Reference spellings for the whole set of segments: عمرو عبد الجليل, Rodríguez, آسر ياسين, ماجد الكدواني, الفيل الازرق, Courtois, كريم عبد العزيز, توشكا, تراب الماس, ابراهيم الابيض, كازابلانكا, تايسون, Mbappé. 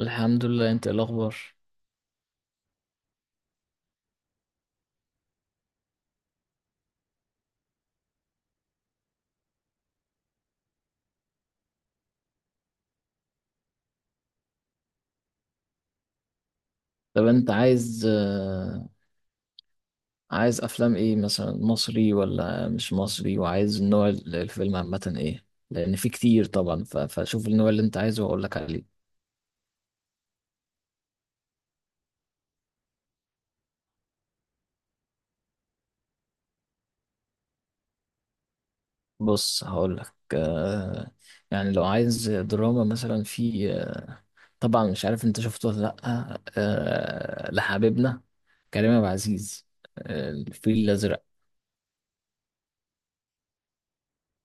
الحمد لله. انت ايه الاخبار؟ طب انت عايز عايز افلام ايه مثلا، مصري ولا مش مصري؟ وعايز نوع الفيلم عامه ايه؟ لان في كتير طبعا، فشوف النوع اللي انت عايزه واقول لك عليه. بص هقول لك، يعني لو عايز دراما مثلا في طبعا مش عارف انت شفته ولا لا، لحبيبنا كريم عبد العزيز، الفيل الازرق.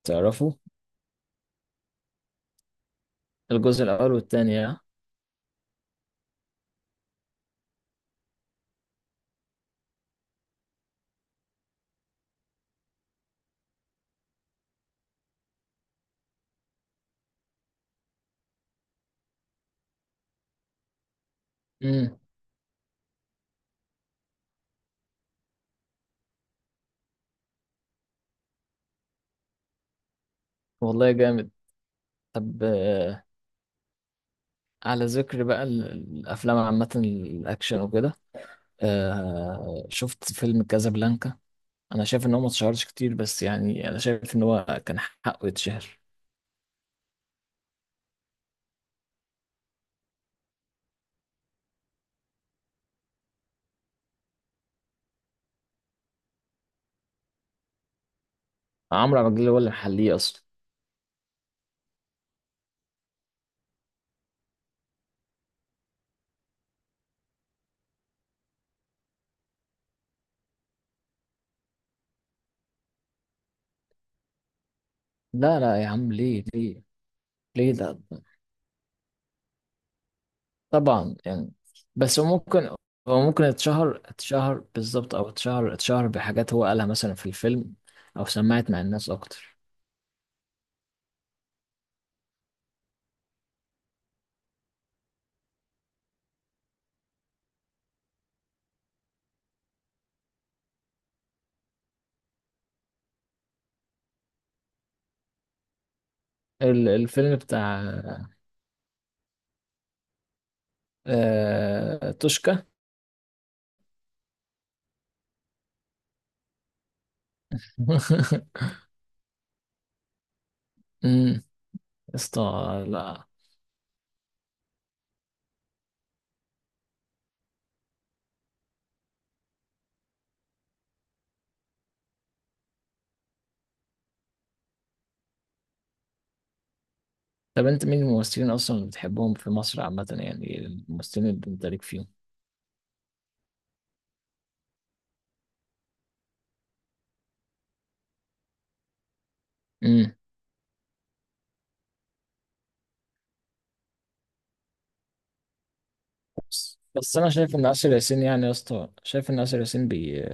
تعرفه؟ الجزء الاول والثاني، اه. امم. والله جامد. طب، على ذكر بقى، الافلام عامه، الاكشن وكده، آه شفت فيلم كازابلانكا. انا شايف ان هو ما اتشهرش كتير، بس يعني انا شايف ان هو كان حقه يتشهر. عمرو عبد الجليل هو اللي محليه اصلا. لا لا يا عم، ليه؟ ليه؟ ليه ده؟ طبعا يعني بس هو ممكن، هو ممكن اتشهر، اتشهر بالظبط، او اتشهر اتشهر بحاجات هو قالها مثلا في الفيلم، او سمعت مع الناس اكتر. الفيلم بتاع توشكا. يا اسطى لا. طب انت مين الممثلين اصلا اللي بتحبهم في مصر عامة؟ يعني الممثلين اللي انت ليك فيهم. امم. بس انا شايف ان آسر ياسين، يعني يا اسطى شايف ان آسر ياسين بي...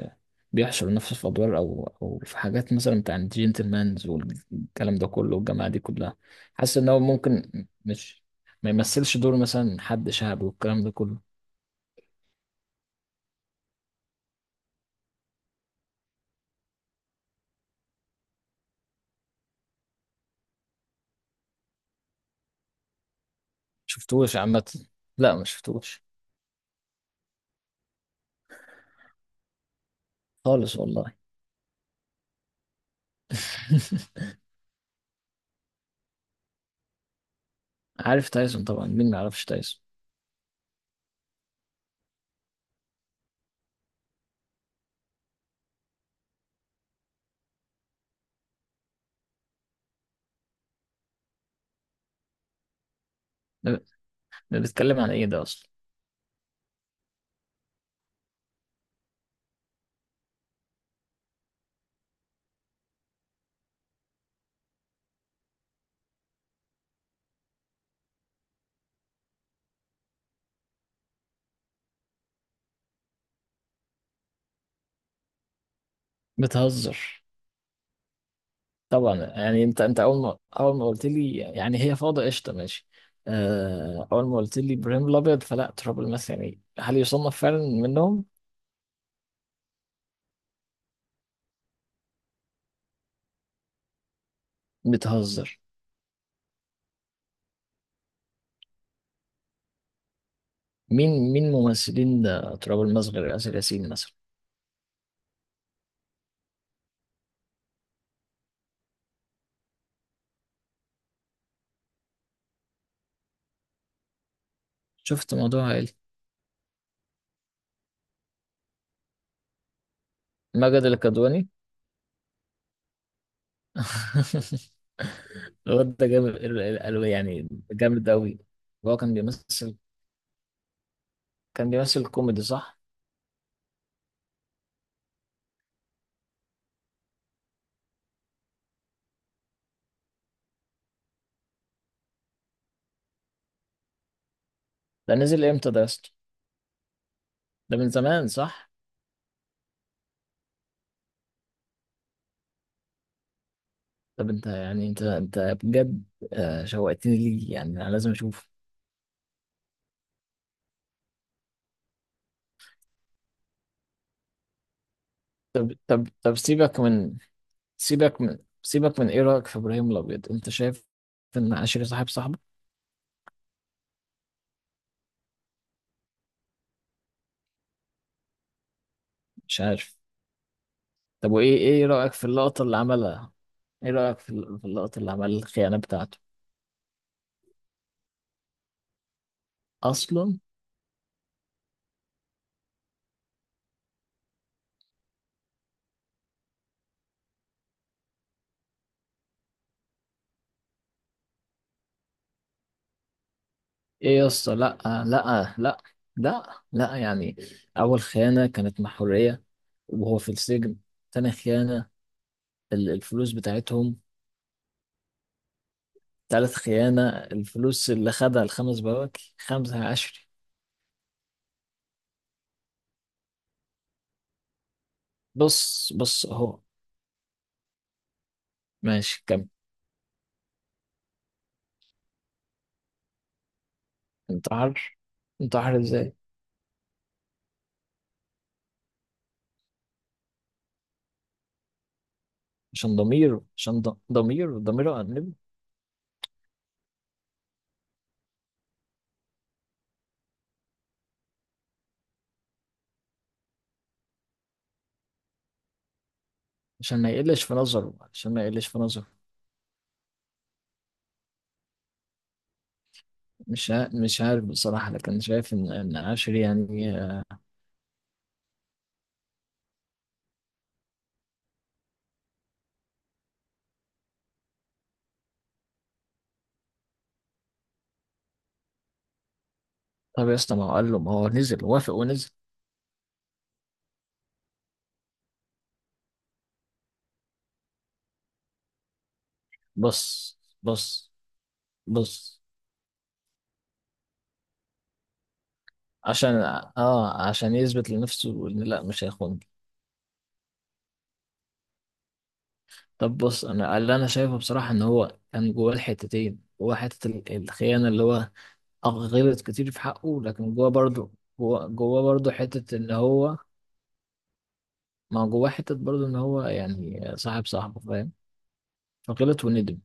بيحشر نفسه في ادوار او او في حاجات مثلا بتاع الجنتلمانز والكلام ده كله والجماعة دي كلها. حاسس ان هو ممكن، مش، ما يمثلش دور مثلا حد شعبي والكلام ده كله. شفتوش عامة؟ لا ما شفتوش خالص والله. عارف تايسون؟ طبعا، مين ما يعرفش تايسون؟ ده ده بيتكلم عن ايه ده اصلا؟ بتهزر. طبعا يعني انت انت اول ما اول ما قلت لي، يعني هي فاضة، قشطة ماشي. اول ما قلت لي ابراهيم الابيض فلا تراب الماس، يعني هل يصنف فعلا منهم؟ بتهزر. مين مين ممثلين ده تراب الماس غير آسر ياسين مثلا؟ شفت موضوع عائلي. ماجد الكدواني. الواد ده جامد، قالوا يعني جامد قوي. هو كان بيمثل، كان بيمثل كوميدي صح؟ ده نزل امتى ده يا اسطى؟ ده من زمان صح؟ طب انت يعني، انت انت بجد شوقتني ليه، يعني انا لازم اشوف. طب طب طب، سيبك من، سيبك من، ايه رايك في ابراهيم الابيض؟ انت شايف ان عشري صاحب صاحبه؟ مش عارف. طب وايه، ايه رايك في اللقطه اللي عملها؟ ايه رايك في في اللقطه اللي عمل الخيانه بتاعته اصلا؟ ايه يا اسطى، لا. لا لا. لا لا يعني، اول خيانه كانت مع حريه وهو في السجن. تاني خيانه الفلوس بتاعتهم. تالت خيانة الفلوس اللي خدها الخمس بواكي خمسة عشري. بص بص اهو. ماشي كمل. انتحر؟ انتحر ازاي؟ عشان ضميره، عشان ضميره، ضميره أنبه. عشان ما يقلش في نظره، عشان ما يقلش في نظره. مش عارف بصراحة، لكن شايف ان ان عشري يعني طب يا اسطى، ما هو قال له، ما هو نزل، وافق ونزل. بص بص بص، عشان، اه، عشان يثبت لنفسه ان لا، مش هيخون. طب بص، انا اللي انا شايفه بصراحه ان هو كان جواه الحتتين. جواه حته الخيانه اللي هو غلط كتير في حقه، لكن جواه برضه، جواه جواه برضه حته ان هو، ما جواه حته برضه ان هو يعني صاحب صاحبه، فاهم؟ فغلط وندم.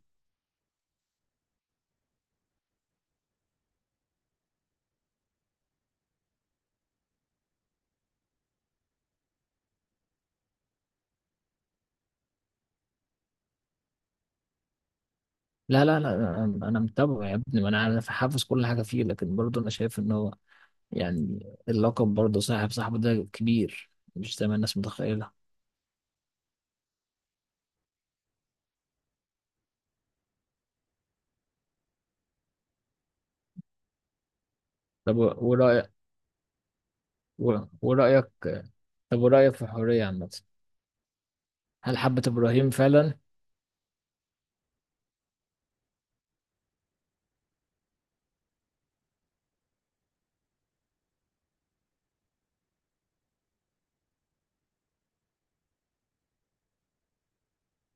لا لا لا، انا أنا متابعه يا ابني، ما انا انا حافظ كل حاجه فيه، لكن برضه انا شايف ان هو يعني اللقب برضه، صاحب صاحبه ده كبير، مش زي ما الناس متخيله. طب ورايك، ورايك، طب ورايك في الحريه عامه، هل حبة إبراهيم فعلا؟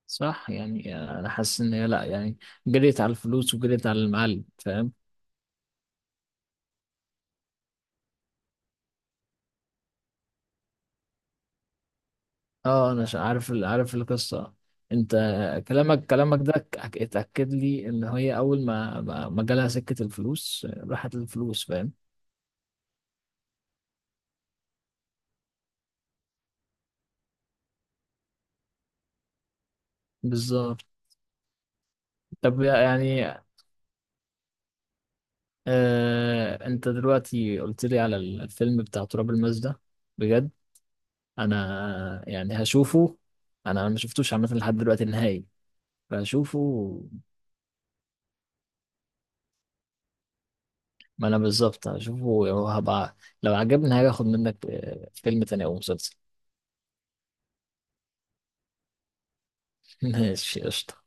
صح، يعني انا حاسس ان هي لا يعني، جريت على الفلوس وجريت على المعلم، فاهم؟ اه انا عارف عارف القصه. انت كلامك، كلامك ده اتاكد لي ان هي اول ما ما ما جالها سكه الفلوس، راحت الفلوس، فاهم؟ بالظبط. طب يعني، آه انت دلوقتي قلت لي على الفيلم بتاع تراب الماس ده بجد، انا يعني هشوفه. انا أنا ما شفتوش عامه لحد دلوقتي النهائي. فهشوفه. ما انا بالظبط هشوفه، وهبقى لو عجبني هاجي اخد منك فيلم تاني او مسلسل. ماشي قشطة.